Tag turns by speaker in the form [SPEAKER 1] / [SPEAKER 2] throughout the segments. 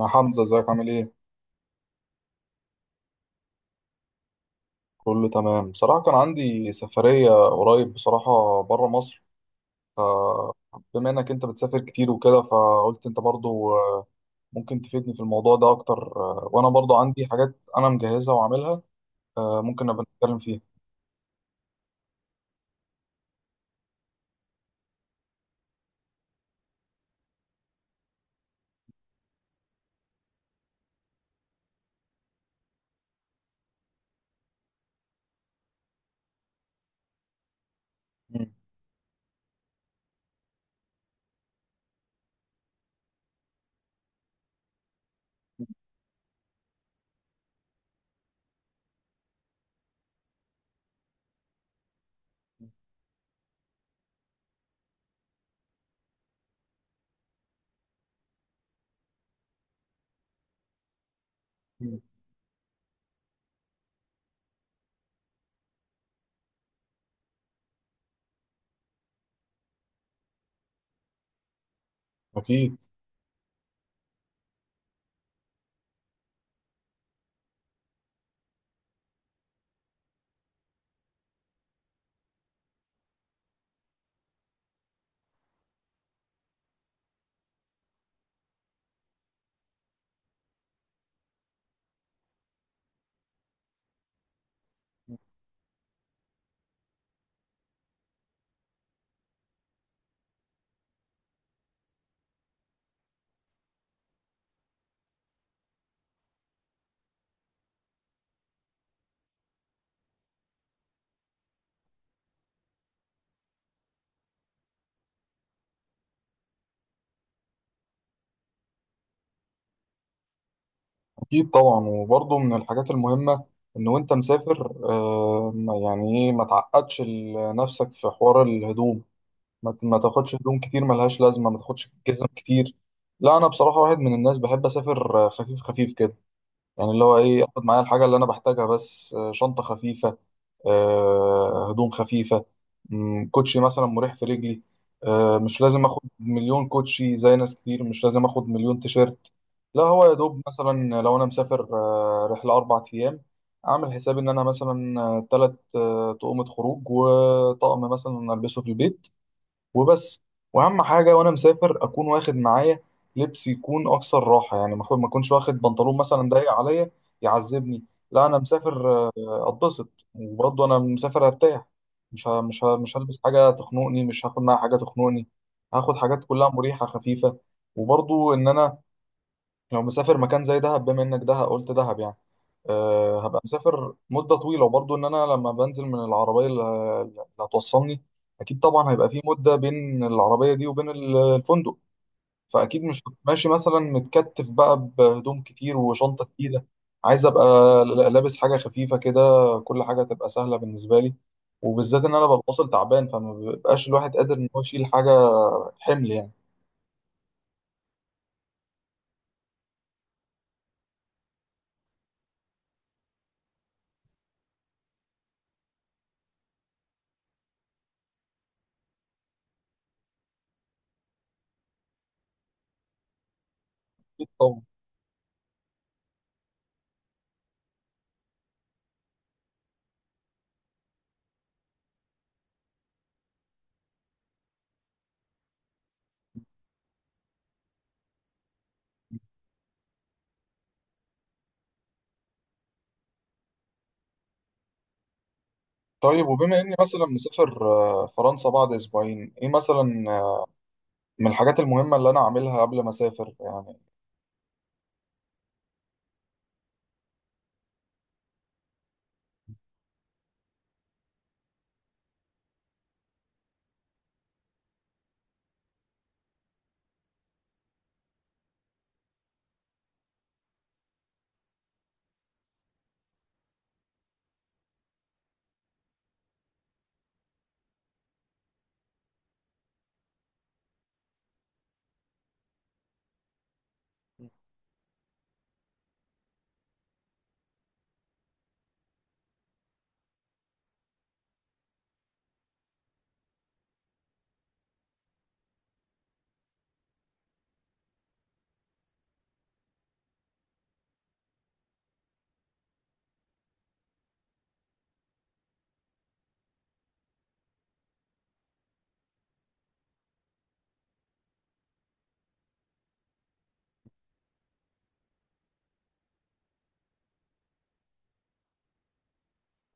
[SPEAKER 1] يا حمزة ازيك عامل ايه؟ كله تمام بصراحة، كان عندي سفرية قريب بصراحة برا مصر. فبما انك انت بتسافر كتير وكده، فقلت انت برضو ممكن تفيدني في الموضوع ده اكتر، وانا برضو عندي حاجات انا مجهزها وعاملها، ممكن نبقى نتكلم فيها. مم. مم. اكيد. اكيد طبعا، وبرضو من الحاجات المهمة ان وانت مسافر، يعني ايه ما تعقدش نفسك في حوار الهدوم، ما تاخدش هدوم كتير ملهاش لازمة، ما تاخدش جزم كتير. لا، أنا بصراحة واحد من الناس بحب أسافر خفيف خفيف كده، يعني اللي هو إيه، أخد معايا الحاجة اللي أنا بحتاجها بس. شنطة خفيفة، هدوم خفيفة. كوتشي مثلا مريح في رجلي. مش لازم أخد مليون كوتشي زي ناس كتير، مش لازم أخد مليون تيشيرت. لا، هو يا دوب مثلا لو أنا مسافر رحلة 4 أيام، أعمل حسابي إن أنا مثلا 3 تقومة خروج وطقم مثلا ألبسه في البيت، وبس. واهم حاجه وانا مسافر اكون واخد معايا لبس يكون اكثر راحه، يعني ما اكونش واخد بنطلون مثلا ضيق عليا يعذبني. لا انا مسافر، اتبسط، وبرضه انا مسافر ارتاح. مش هلبس حاجه تخنقني، مش هاخد معايا حاجه تخنقني. هاخد حاجات كلها مريحه خفيفه. وبرضه ان انا لو مسافر مكان زي دهب، بما انك دهب قلت دهب يعني، أه هبقى مسافر مدة طويلة. وبرضه ان انا لما بنزل من العربية اللي هتوصلني، اكيد طبعا هيبقى في مدة بين العربية دي وبين الفندق. فاكيد مش هبقى ماشي مثلا متكتف بقى بهدوم كتير وشنطة تقيلة، عايز ابقى لابس حاجة خفيفة كده، كل حاجة تبقى سهلة بالنسبة لي، وبالذات ان انا ببقى واصل تعبان، فما بيبقاش الواحد قادر ان هو يشيل حاجة، حمل يعني. اكيد طبعا. طيب، وبما اني مثلا مسافر فرنسا بعد اسبوعين، ايه مثلا من الحاجات المهمه اللي انا عاملها قبل ما اسافر يعني؟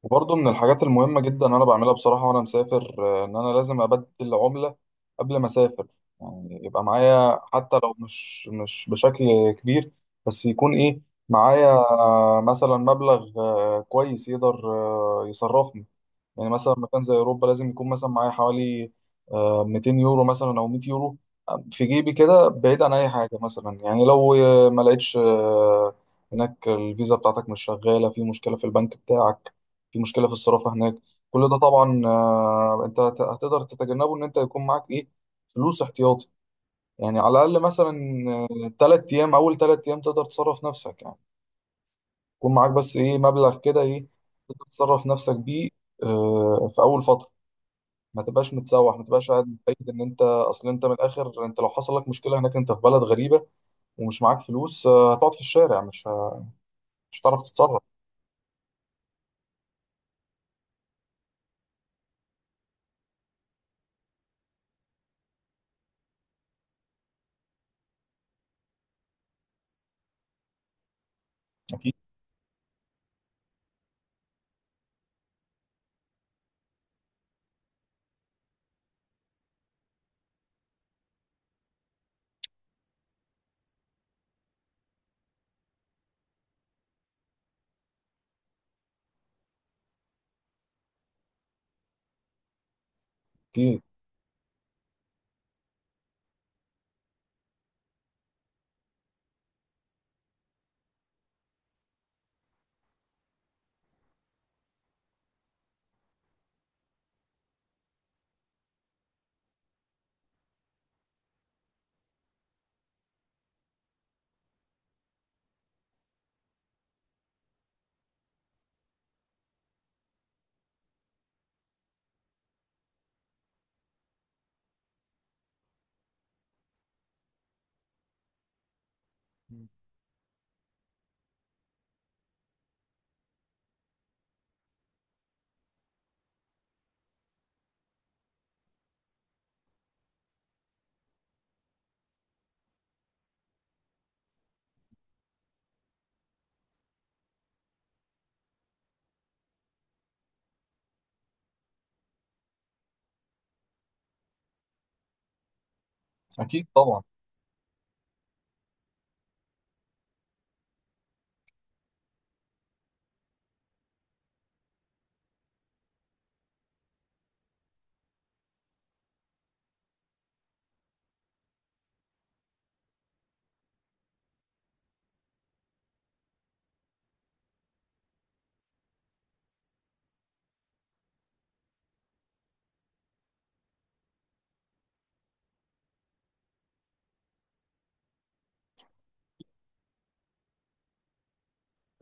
[SPEAKER 1] وبرضه من الحاجات المهمه جدا انا بعملها بصراحه وانا مسافر، ان انا لازم ابدل عمله قبل ما اسافر يعني، يبقى معايا حتى لو مش بشكل كبير، بس يكون ايه، معايا مثلا مبلغ كويس يقدر يصرفني. يعني مثلا مكان زي اوروبا لازم يكون مثلا معايا حوالي 200 يورو مثلا او 100 يورو، في جيبي كده، بعيد عن اي حاجه. مثلا يعني لو ما لقيتش، هناك الفيزا بتاعتك مش شغاله، في مشكله في البنك بتاعك، في مشكله في الصرافه هناك، كل ده طبعا انت هتقدر تتجنبه ان انت يكون معاك ايه، فلوس احتياطي. يعني على الاقل مثلا 3 ايام، اول 3 ايام تقدر تصرف نفسك يعني، يكون معاك بس ايه، مبلغ كده ايه تقدر تصرف نفسك بيه في اول فتره. ما تبقاش متسوح، ما تبقاش قاعد متأكد ان انت، اصل انت من الاخر انت لو حصل لك مشكله هناك، انت في بلد غريبه ومش معاك فلوس، هتقعد في الشارع، مش هتعرف تتصرف. اكيد. اكيد. مم. اكيد طبعا.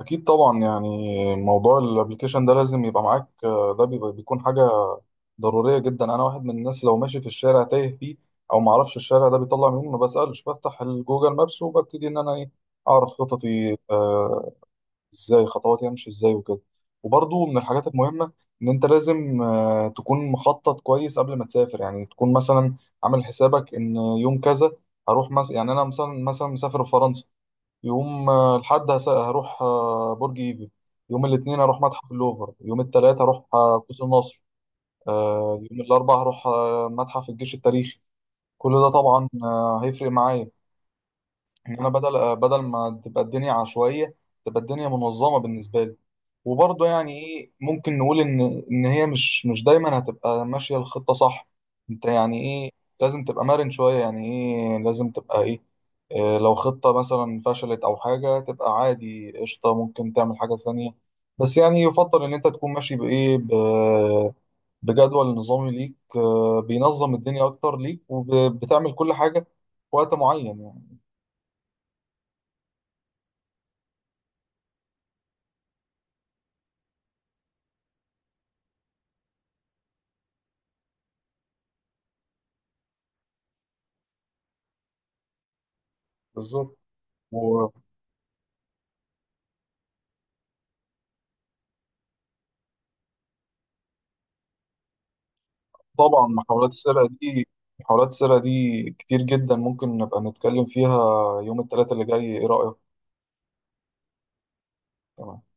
[SPEAKER 1] اكيد طبعا، يعني موضوع الابلكيشن ده لازم يبقى معاك، ده بيكون حاجه ضروريه جدا. انا واحد من الناس لو ماشي في الشارع تايه فيه، او ما اعرفش الشارع ده بيطلع منين، ما بسالش، بفتح الجوجل مابس وببتدي ان انا ايه، اعرف خططي، ازاي خطواتي همشي ازاي وكده. وبرضو من الحاجات المهمة ان انت لازم تكون مخطط كويس قبل ما تسافر، يعني تكون مثلا عامل حسابك ان يوم كذا هروح مثلا، يعني انا مثلا مسافر في فرنسا. يوم الحد هروح برج ايفل، يوم الاثنين هروح متحف اللوفر، يوم الثلاثة هروح قوس النصر، يوم الاربعاء هروح متحف الجيش التاريخي. كل ده طبعا هيفرق معايا، ان انا بدل ما تبقى الدنيا عشوائيه، تبقى الدنيا منظمه بالنسبه لي. وبرضه يعني ايه، ممكن نقول ان هي مش دايما هتبقى ماشيه الخطه صح، انت يعني ايه لازم تبقى مرن شويه، يعني ايه لازم تبقى ايه، إيه لو خطه مثلا فشلت او حاجه، تبقى عادي قشطه، ممكن تعمل حاجه ثانيه. بس يعني يفضل ان انت تكون ماشي بايه، بجدول نظامي ليك، بينظم الدنيا اكتر ليك، وبتعمل كل حاجه في وقت معين يعني. بالظبط. وطبعا محاولات السرقة دي محاولات السرقة دي كتير جدا، ممكن نبقى نتكلم فيها يوم الثلاثاء اللي جاي، ايه رأيك؟ تمام.